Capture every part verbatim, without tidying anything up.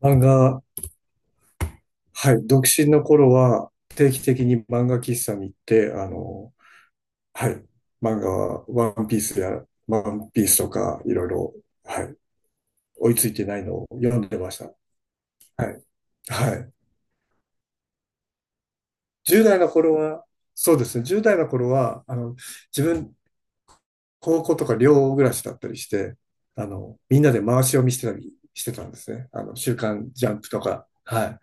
漫画、はい、独身の頃は定期的に漫画喫茶に行って、あの、はい、漫画はワンピースや、ワンピースとかいろいろ、はい、追いついてないのを読んでました。はい。はい。じゅう代の頃は、そうですね、じゅう代の頃は、あの、自分、高校とか寮暮らしだったりして、あの、みんなで回し読みしてたりしてたんですね。あの、週刊ジャンプとか。はい。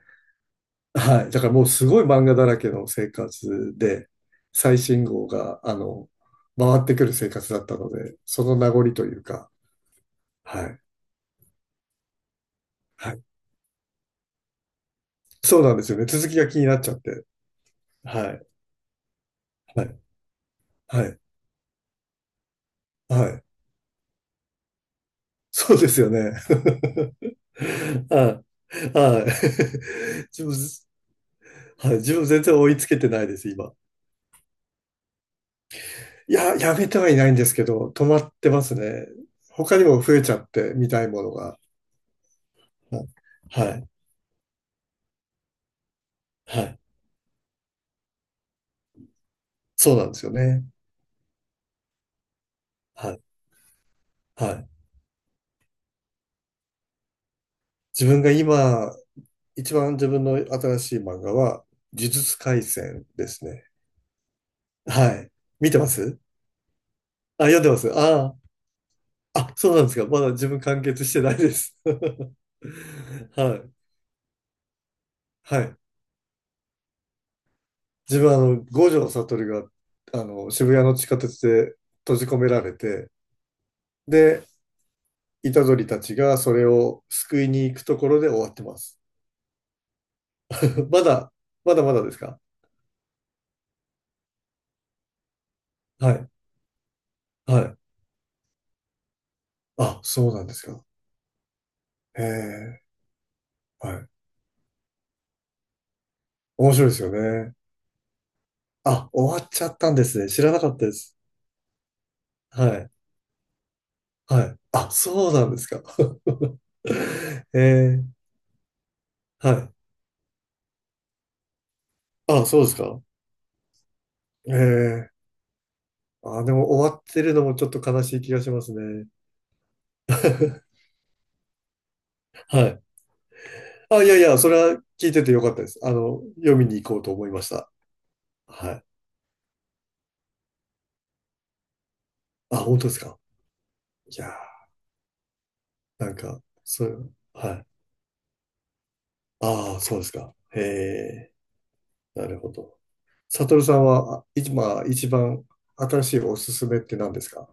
はい。だからもうすごい漫画だらけの生活で、最新号が、あの、回ってくる生活だったので、その名残というか、はい。はい。そうなんですよね。続きが気になっちゃって。はい。はい。はい。はい。そうですよね。はい。はい。自分、はい。自分全然追いつけてないです、今。いや、やめてはいないんですけど、止まってますね。他にも増えちゃって、見たいものが。はい。はい。はい。そうなんですよね。はい。はい。自分が今、一番自分の新しい漫画は、呪術廻戦ですね。はい。見てます。あ、読んでます。あ、あ、あ、そうなんですか。まだ自分完結してないです。はい。はい。自分はあの、五条悟が、あの、渋谷の地下鉄で閉じ込められて、で、虎杖たちがそれを救いに行くところで終わってます。まだ、まだまだですか？はい。はい。あ、そうなんですか。へえ、はい。面白いですよね。あ、終わっちゃったんですね。知らなかったです。はい。はい。あ、そうなんですか。ええ、はい。あ、そうですか。ええ。あ、でも終わってるのもちょっと悲しい気がしますね。はい。あ、いやいや、それは聞いててよかったです。あの、読みに行こうと思いました。はい。あ、本当ですか。いやー、なんか、そう、はい。ああ、そうですか。へえ、なるほど。サトルさんは、あ今、一番新しいおすすめって何ですか？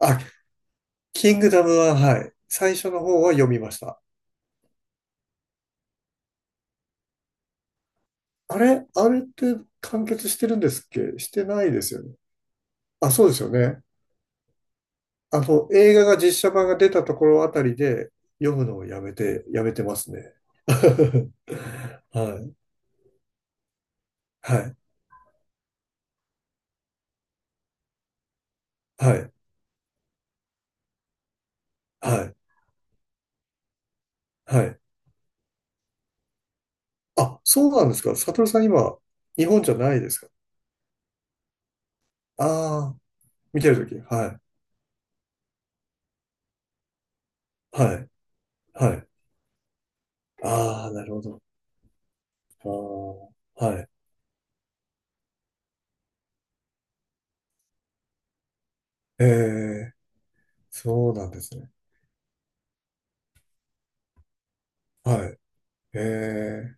あ、キングダムは、はい。最初の方は読みました。あれあれって完結してるんですっけ？してないですよね。あ、そうですよね。あの、映画が実写版が出たところあたりで読むのをやめて、やめてますね。はい、はい、はい、はい、はい。あ、そうなんですか。サトルさん今、日本じゃないですか。ああー、見てるとき。はい、はい、はい。ああ、なるほど。ああ、はい。ええ、そうなんですね。はい。ええ、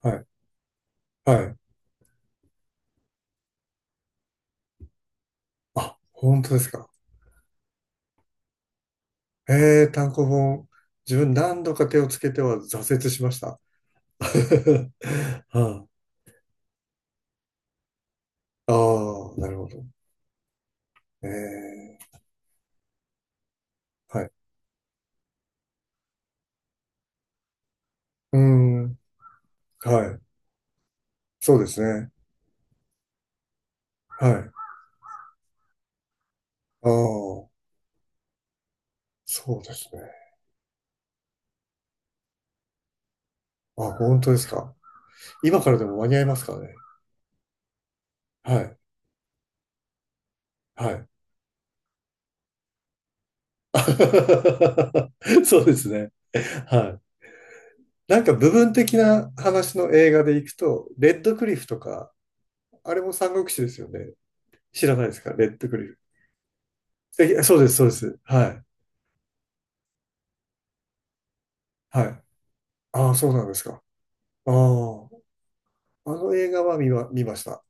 はい。はい。あ、本当ですか。ええ、単行本。自分何度か手をつけては挫折しました。はあ、ああ、なるほど。ええ、はい。うーん、はい。そうですね。はい。ああ、そうですね。あ、本当ですか。今からでも間に合いますからね。はい。はい。そうですね。はい。なんか部分的な話の映画でいくと、レッドクリフとか、あれも三国志ですよね。知らないですか？レッドクリフ。えそうです、そうです。はい。はい。ああ、そうなんですか。ああ、あの映画は見ま、見ました。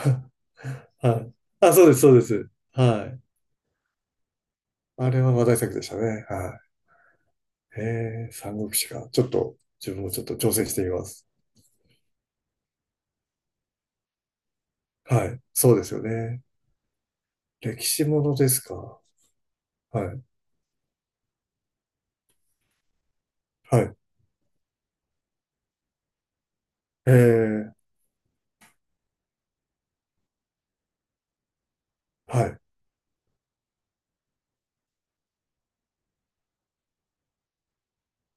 はい。あ、そうです、そうです。はい。あれは話題作でしたね。はい。へえ、三国志か。ちょっと、自分もちょっと挑戦してみます。はい。そうですよね。歴史ものですか。はい。はい。ええ、はい。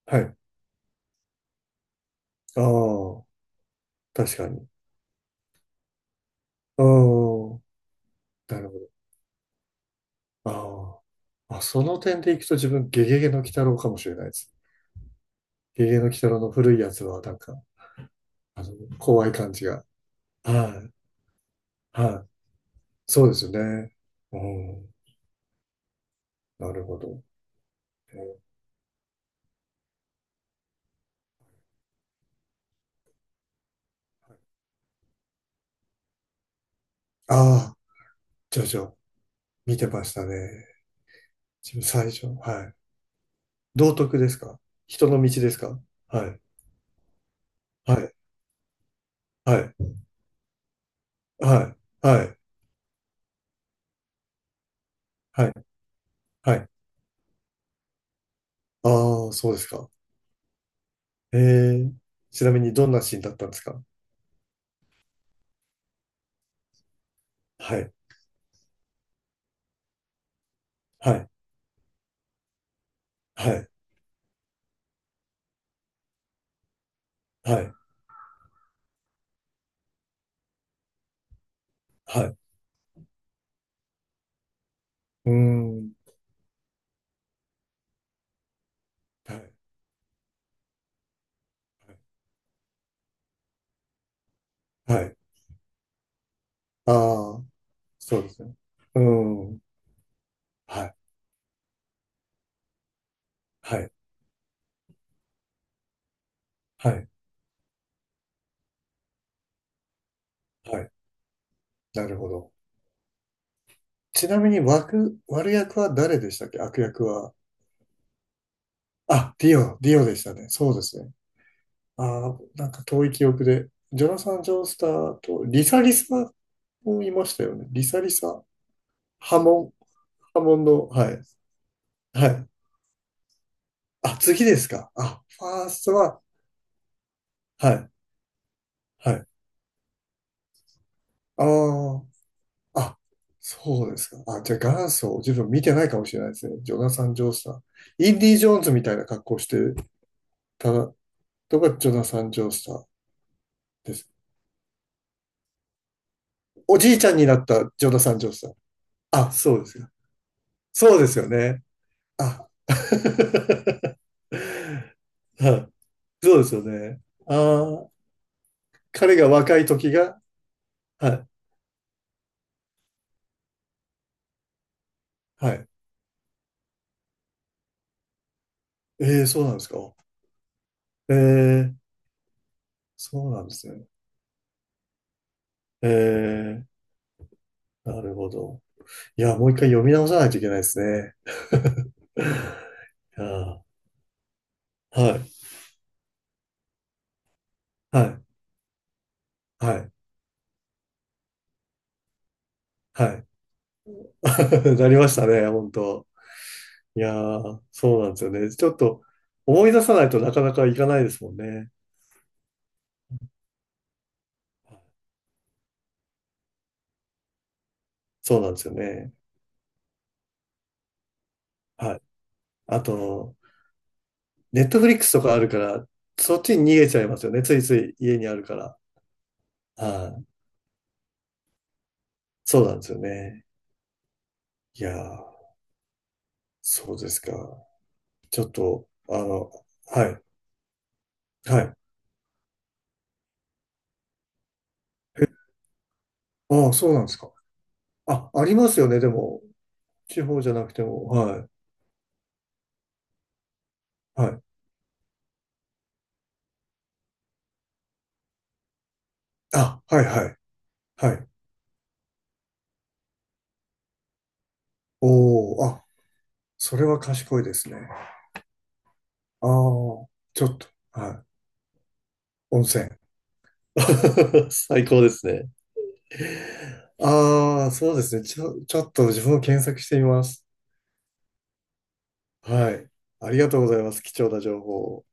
はい。ああ、確かに。ああ、なるほど。あーあ、その点でいくと自分、ゲゲゲの鬼太郎かもしれないです。ゲゲゲの鬼太郎の古いやつは、なんか、あの、怖い感じが。はい。はい。そうですよね。うん。なるほど。ああー、ジョジョ、見てましたね。自分、最初。はい。道徳ですか？人の道ですか？はい。はい。はい。はい。はい。はい。はい。ああ、そうですか。ええ、ちなみにどんなシーンだったんですか？はい、はい、はい、はい、はい。うーん、はい、はい。はい。ああ、そうですね。うーん、はい、はい、はい、はい。なるほど。ちなみに悪、悪役は誰でしたっけ？悪役は。あ、ディオ、ディオでしたね。そうですね。ああ、なんか遠い記憶で。ジョナサン・ジョースターと、リサリサもいましたよね。リサリサ。波紋、波紋の、はい、はい。あ、次ですか。あ、ファーストは、はい、はい。ああ、あ、そうですか。あ、じゃあ元祖、自分見てないかもしれないですね。ジョナサン・ジョースター。インディ・ジョーンズみたいな格好してたのがジョナサン・ジョースターです。おじいちゃんになったジョナサン・ジョースター。あ、そうですか。そうですよね。あ、はい。そうですよね。ああ、彼が若い時が、はい、はい。ええ、そうなんですか。ええ、そうなんですね。ええ、なるほど。いや、もう一回読み直さないといけないですね。いやー、はい、はい、はい、はい。なりましたね、本当。いやー、そうなんですよね。ちょっと思い出さないとなかなかいかないですもんね。そうなんですよね。はい。あと、ネットフリックスとかあるから、そっちに逃げちゃいますよね。ついつい家にあるから。はい。そうなんですよね。いやー、そうですか。ちょっと、あの、はい、はい。ああ、そうなんですか。あ、ありますよね。でも、地方じゃなくても。はい。はい。あ、はい、はい。はい。おーあ、それは賢いですね。ああ、ちょっと。はい。温泉。最高ですね。ああ、そうですね。ちょ、ちょっと自分も検索してみます。はい。ありがとうございます。貴重な情報を。